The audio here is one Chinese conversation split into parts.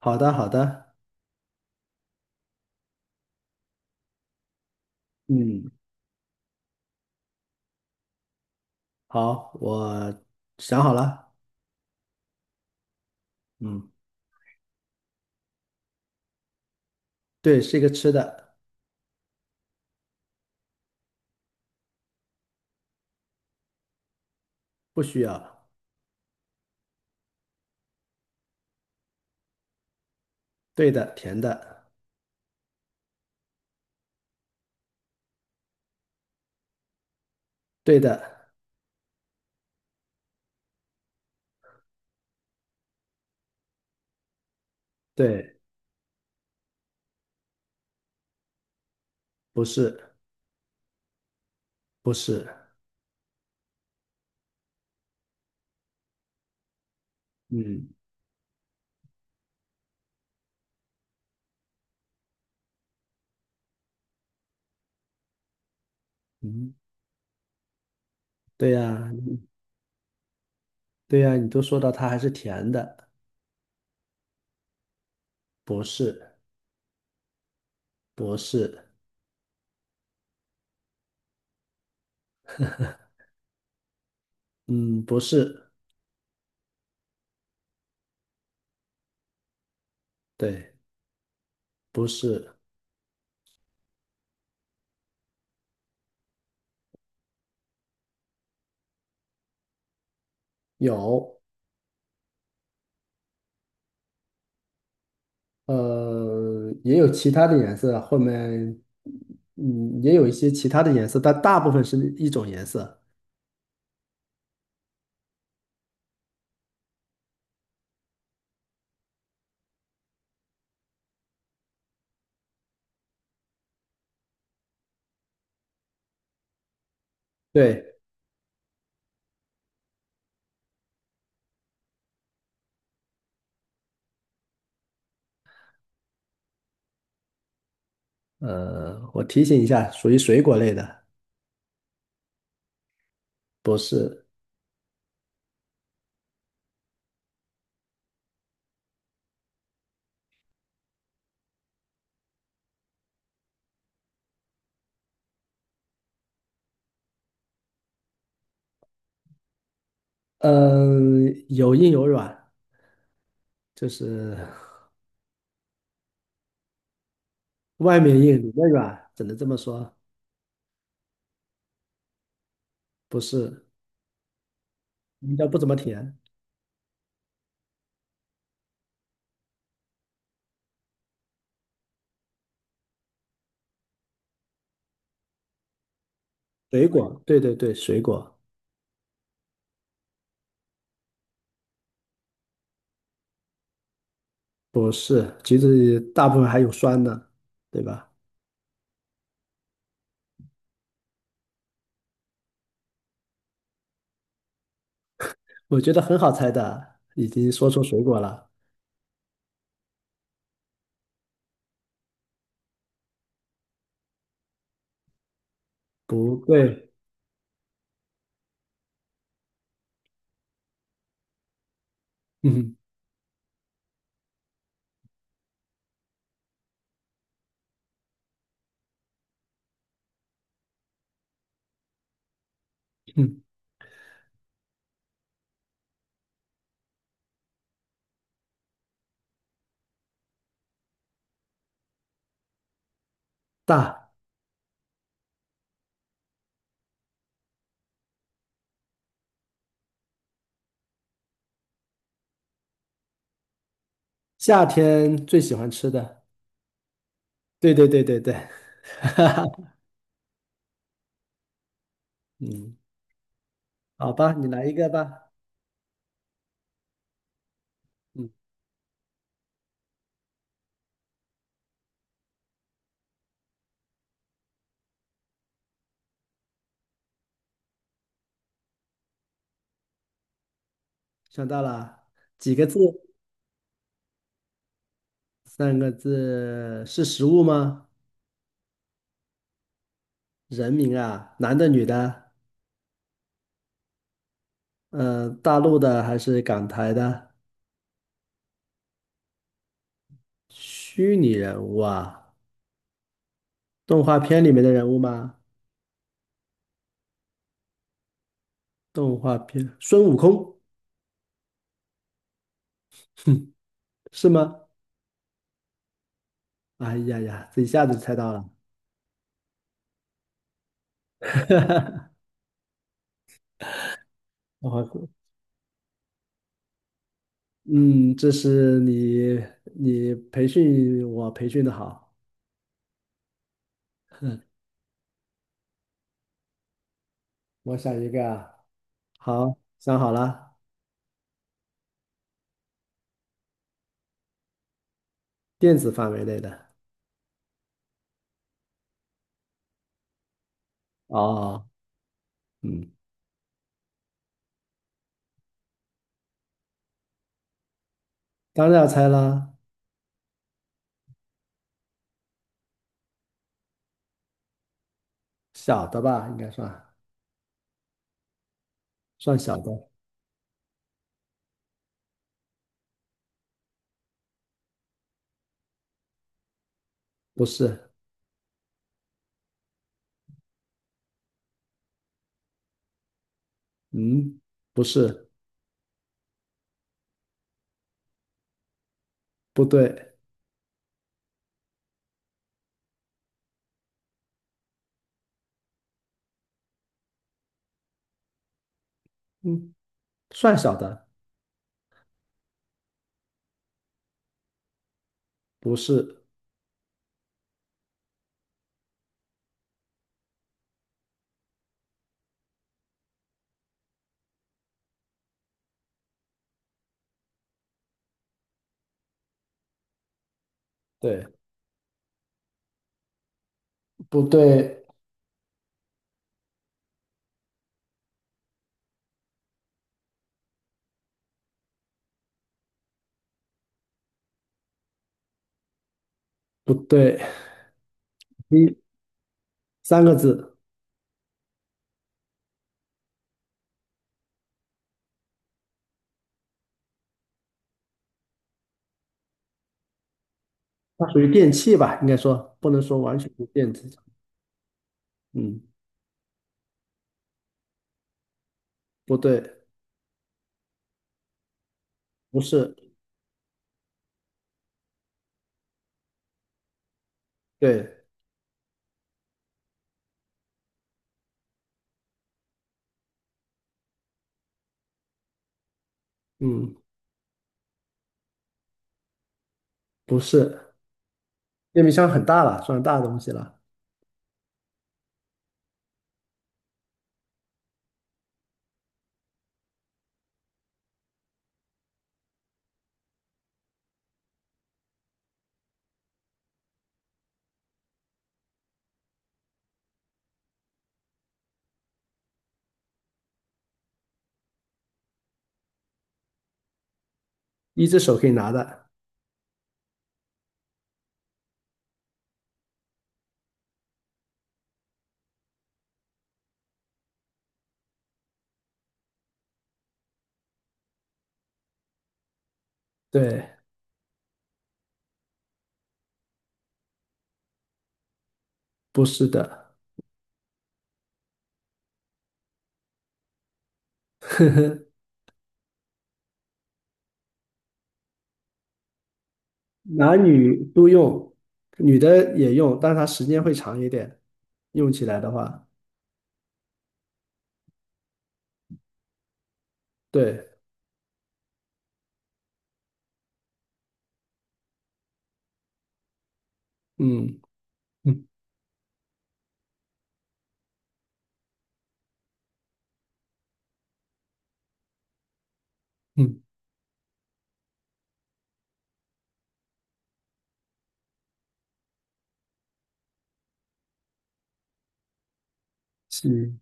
好的，好的，嗯，好，我想好了。嗯，对，是一个吃的。不需要。对的，甜的。对的。对。不是。不是。嗯嗯，对呀。对呀，你都说到它还是甜的。不是。不是。嗯，不是。对。不是。有。也有其他的颜色，后面，也有一些其他的颜色，但大部分是一种颜色。对。我提醒一下，属于水果类的。不是。嗯、有硬有软，就是 外面硬，里面软，只能这么说。不是，应该不怎么甜。水果，对对对，水果。不是，橘子大部分还有酸的，对吧？我觉得很好猜的，已经说出水果了。不对。嗯嗯。大。夏天最喜欢吃的。对对对对对，哈哈。嗯，好吧，你来一个吧。嗯。想到了几个字？三个字是食物吗？人名啊，男的女的？大陆的还是港台的？虚拟人物啊，动画片里面的人物吗？动画片，孙悟空是吗？哎呀呀，这一下子就猜到了。我，嗯，这是你培训我培训的好。我想一个啊，好，想好了。电子范围内的。哦。嗯。当然要猜啦。小的吧，应该算算小的。不是。嗯，不是。不对。嗯，算小的。不是。对。不对。不对。一三个字。它属于电器吧，应该说不能说完全不电子。嗯，不对。不是。对。嗯，不是。电冰箱很大了，算大的东西了。一只手可以拿的。对。不是的。男女都用，女的也用，但是它时间会长一点，用起来的话。对。嗯嗯嗯。是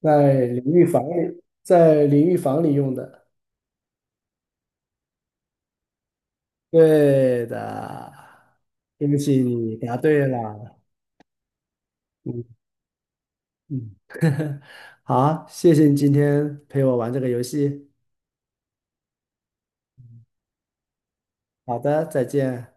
在淋浴房里，在淋浴房里用的。对的。对不起，你答对了。嗯嗯。好，谢谢你今天陪我玩这个游戏。好的，再见。